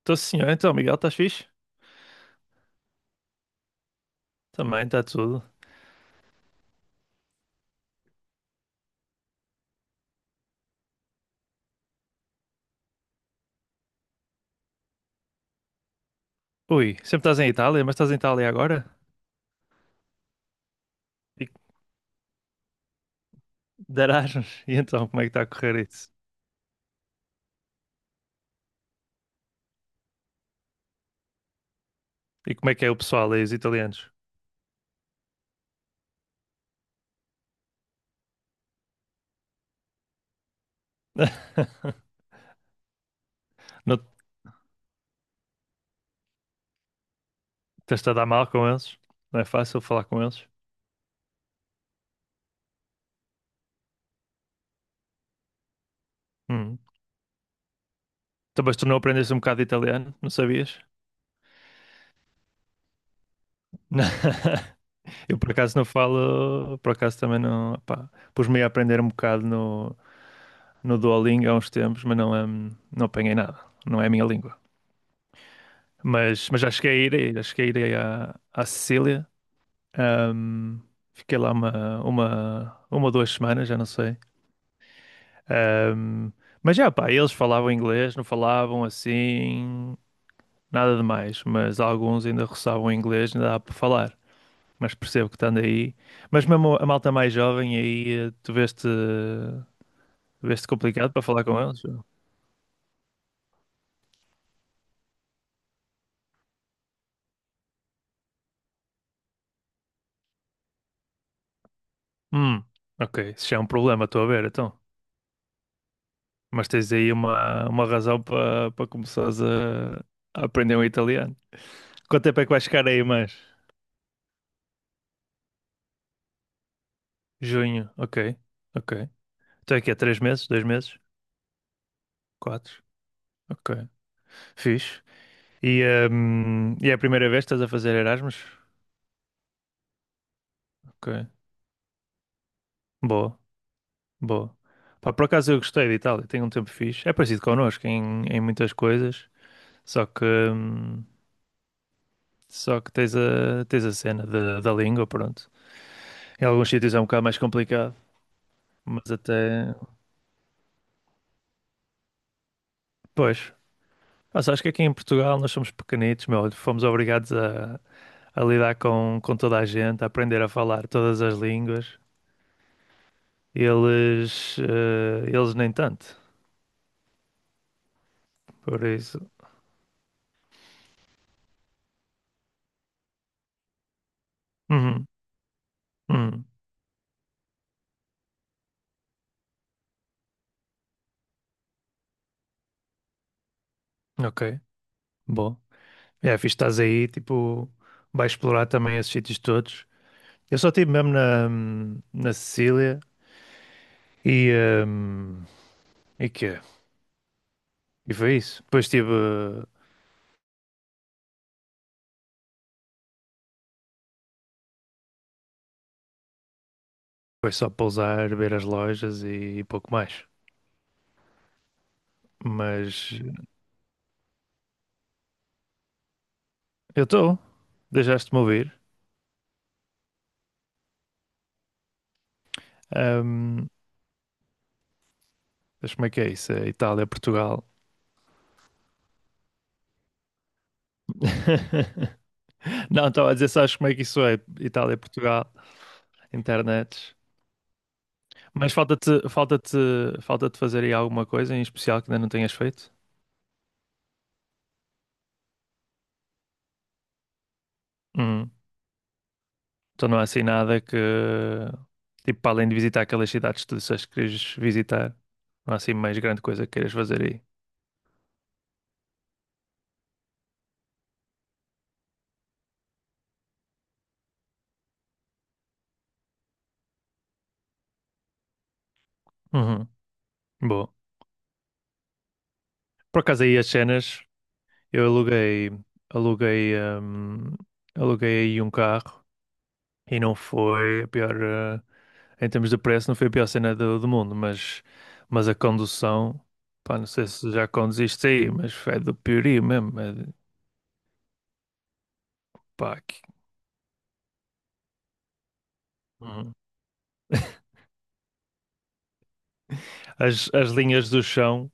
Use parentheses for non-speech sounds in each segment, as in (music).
Estou sim, senhor. Então, Miguel, estás fixe? Também, está tudo. Ui, sempre estás em Itália, mas estás em Itália agora? E de Erasmus. (laughs) E então, como é que está a correr isso? E como é que é o pessoal aí, os italianos? (laughs) Não estás a dar mal com eles? Não é fácil falar com eles? Hum. Então, mas tu não aprendeste um bocado de italiano? Não sabias? (laughs) Eu por acaso não falo, por acaso também não, pá, pus-me a aprender um bocado no Duolingo há uns tempos, mas não, não apanhei nada, não é a minha língua. Mas já cheguei a ir aí à Sicília. Ahm, Fiquei lá 1 ou 2 semanas, já não sei. Ahm, mas já, pá, eles falavam inglês, não falavam assim, nada demais. Mas alguns ainda roçavam inglês, ainda dá para falar. Mas percebo que estando aí. Mas mesmo a malta mais jovem aí, veste complicado para falar com eles? Hum, ok, isso já é um problema, estou a ver, então. Mas tens aí uma razão para começares a aprender o italiano. Quanto tempo é que vais ficar aí mais? Junho, ok, ok. Então é que é 3 meses, 2 meses, quatro, ok. Fixe. E, e é a primeira vez que estás a fazer Erasmus? Ok, boa, boa. Pá, por acaso eu gostei de Itália, tenho um tempo fixe. É parecido connosco em muitas coisas, só que, hum, só que tens a cena da língua, pronto. Em alguns sítios é um bocado mais complicado, mas até... Pois, mas acho que aqui em Portugal nós somos pequenitos, meu. Fomos obrigados a lidar com toda a gente, a aprender a falar todas as línguas. Eles nem tanto. Por isso. Uhum, uhum. Ok, bom. É, fixe, estás aí, tipo, vais explorar também esses sítios todos. Eu só estive mesmo na Sicília e. hum, e quê? E foi isso. Depois tive foi só pousar, ver as lojas e pouco mais. Mas. Eu estou. Deixaste-me ouvir. Ahm, mas como é que é isso? É Itália, Portugal. (laughs) Não, estava a dizer, sabes como é que isso é? Itália, Portugal, internet. Mas falta-te fazer aí alguma coisa em especial que ainda não tenhas feito? Hum. Então não há assim nada que, tipo, para além de visitar aquelas cidades que tu disseste que queres visitar, não há assim mais grande coisa que queiras fazer aí. Uhum. Boa. Por acaso aí as cenas, eu aluguei, hum, aluguei aí um carro e não foi a pior, em termos de preço, não foi a pior cena do mundo, mas a condução, pá, não sei se já conduziste aí, mas é do piorio mesmo, pá, uhum. As linhas do chão,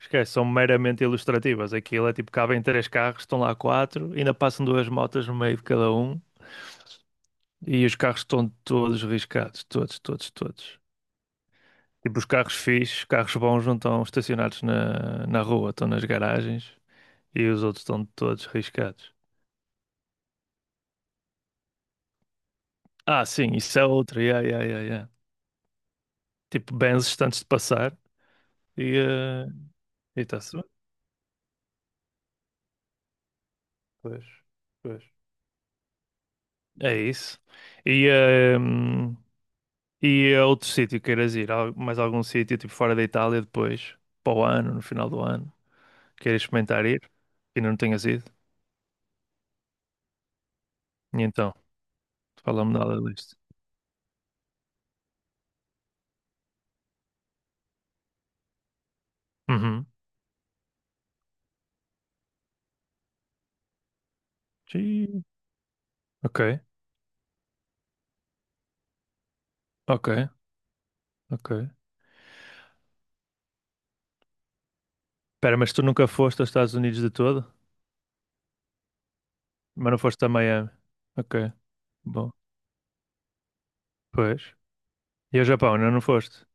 esquece, são meramente ilustrativas, aquilo é tipo, cabem três carros, estão lá quatro, ainda passam duas motas no meio de cada um e os carros estão todos riscados, todos, todos, todos. Tipo, os carros fixos, carros bons não estão estacionados na rua, estão nas garagens e os outros estão todos riscados. Ah, sim, isso é outro, yeah, yeah, yeah, yeah. Tipo, benzes antes de passar e eh, e está-se bem. Pois, pois. É isso. E, eh, hum, e a outro sítio que queiras ir, mais algum sítio, tipo fora da Itália depois, para o ano, no final do ano, queiras experimentar ir, que ainda não tenhas ido? E então, fala-me nada da lista. Uhum. Sim. Ok, ok. Ok. Espera, mas tu nunca foste aos Estados Unidos de todo? Mas não foste a Miami? Ok, bom. Pois. E ao Japão, ainda não foste?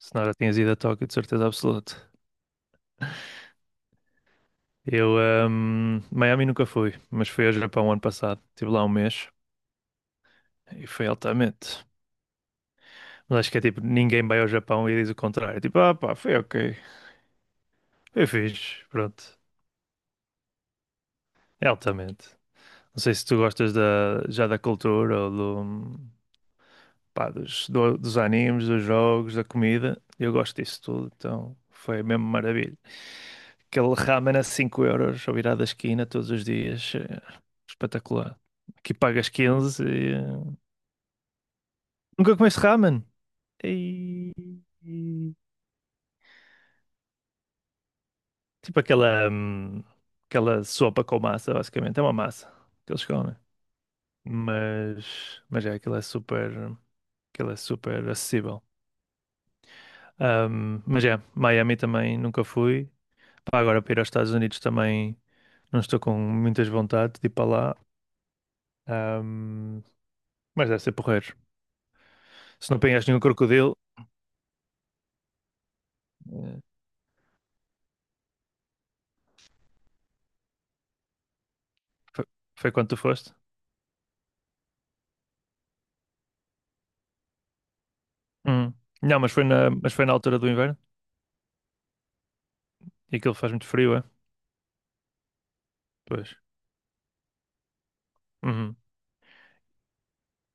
Senão já tinhas ido a Tóquio, de certeza absoluta. Eu, Miami nunca fui, mas fui ao Japão ano passado. Estive lá um mês e foi altamente. Mas acho que é tipo, ninguém vai ao Japão e diz o contrário. Tipo, ah pá, foi ok. Foi fixe, pronto. É altamente. Não sei se tu gostas da, já da cultura ou pá, dos animes, dos jogos, da comida. Eu gosto disso tudo, então foi mesmo maravilha. Aquele ramen a €5 ao virar da esquina todos os dias, é espetacular. Aqui pagas 15. Nunca comeste ramen? E... e- Tipo aquela, aquela sopa com massa, basicamente. É uma massa que eles comem. Mas é, aquilo é super acessível. Mas é, Miami também nunca fui. Pá, agora para ir aos Estados Unidos também não estou com muitas vontade de ir para lá. Ahm, mas deve ser porreiro. Se não apanhaste nenhum crocodilo, eh, foi, foi quando tu foste? Hum. Não, mas foi na altura do inverno e aquilo faz muito frio, é? Pois. Uhum.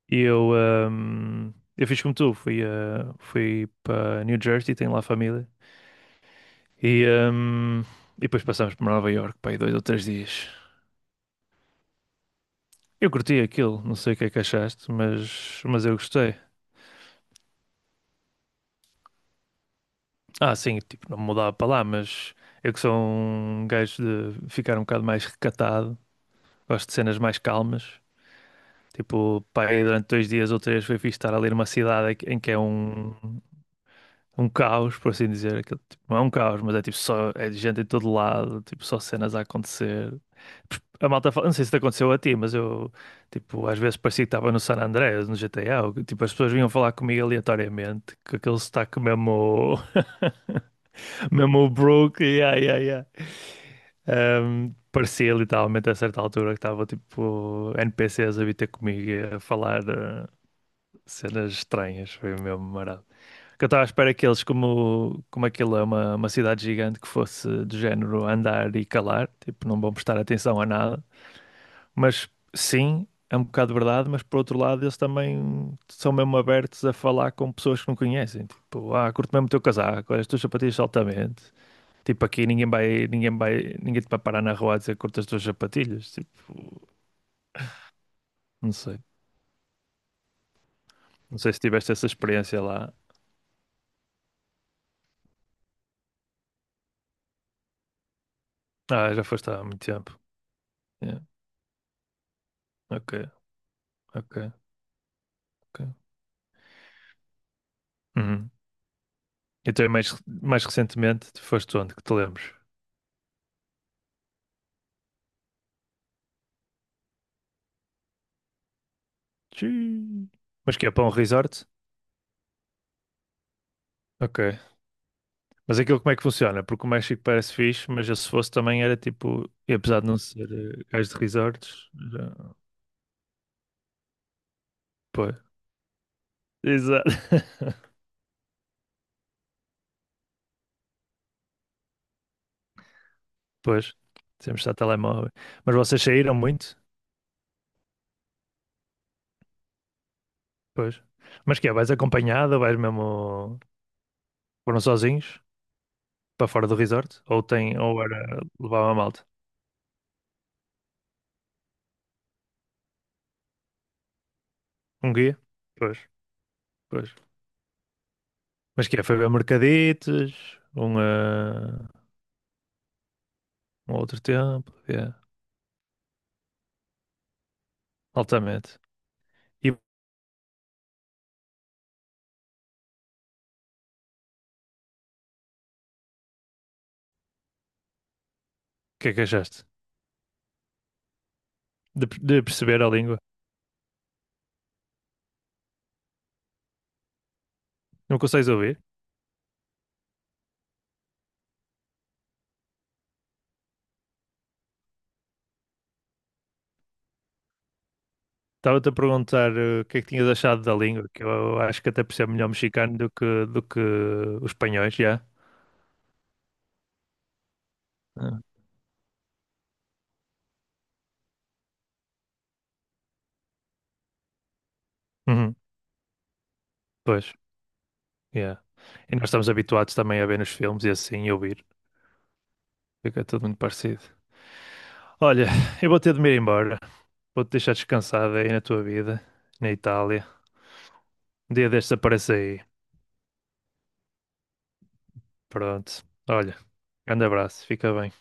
E eu fiz como tu, fui, ah, fui para New Jersey, tenho lá família. E, ahm, e depois passámos para Nova York, pá, aí 2 ou 3 dias. Eu curti aquilo, não sei o que é que achaste, mas eu gostei. Ah, sim, tipo, não me mudava para lá, mas eu que sou um gajo de ficar um bocado mais recatado, gosto de cenas mais calmas. Tipo, pá, aí durante 2 dias ou 3 foi fixe estar ali numa cidade em que é um caos, por assim dizer. Aquilo, tipo, não é um caos, mas é tipo só é gente em todo lado, tipo, só cenas a acontecer. A malta fala, não sei se te aconteceu a ti, mas eu, tipo, às vezes parecia que estava no San Andreas, no GTA, ou que, tipo, as pessoas vinham falar comigo aleatoriamente, com aquele sotaque mesmo. (laughs) Mesmo o brooke yeah, yeah, yeah. Parecia literalmente a certa altura que estava tipo NPCs a vir ter comigo e a falar cenas estranhas, foi mesmo marado. Que eu estava à espera que eles, como aquilo é uma cidade gigante, que fosse do género andar e calar, tipo, não vão prestar atenção a nada. Mas sim, é um bocado verdade, mas por outro lado, eles também são mesmo abertos a falar com pessoas que não conhecem. Tipo, ah, curto mesmo o teu casaco, olha, as tuas sapatilhas altamente. Tipo, aqui ninguém te vai parar na rua a dizer curto as tuas sapatilhas. Tipo, não sei. Não sei se tiveste essa experiência lá. Ah, já foste há muito tempo. Yeah. Ok, ok, ok. Uhum. Então, e mais, mais recentemente, tu foste onde? Que te lembres? Tchiii. Mas que é para um resort? Ok. Mas aquilo como é que funciona? Porque o México parece fixe, mas eu se fosse também era tipo, e apesar de não ser gajo de resorts, pois. Exato. (laughs) Pois, sempre está telemóvel. Mas vocês saíram muito? Pois. Mas que é, vais acompanhado ou vais mesmo, foram sozinhos para fora do resort? Ou tem, ou era, levava a malta? Um guia? Pois, pois. Mas que é, foi ver Mercaditos, um, um outro tempo, yeah, altamente. E o que é que achaste? De perceber a língua? Não consegues ouvir? Estava-te a perguntar o que é que tinhas achado da língua, que eu acho que até percebo melhor o mexicano do que os espanhóis, já. Ah. Uhum, pois, yeah. E nós estamos habituados também a ver nos filmes e assim, e ouvir. Fica tudo muito parecido. Olha, eu vou ter de me ir embora. Vou-te deixar descansada aí na tua vida, na Itália. Um dia destes aparece aí. Pronto. Olha, grande abraço. Fica bem.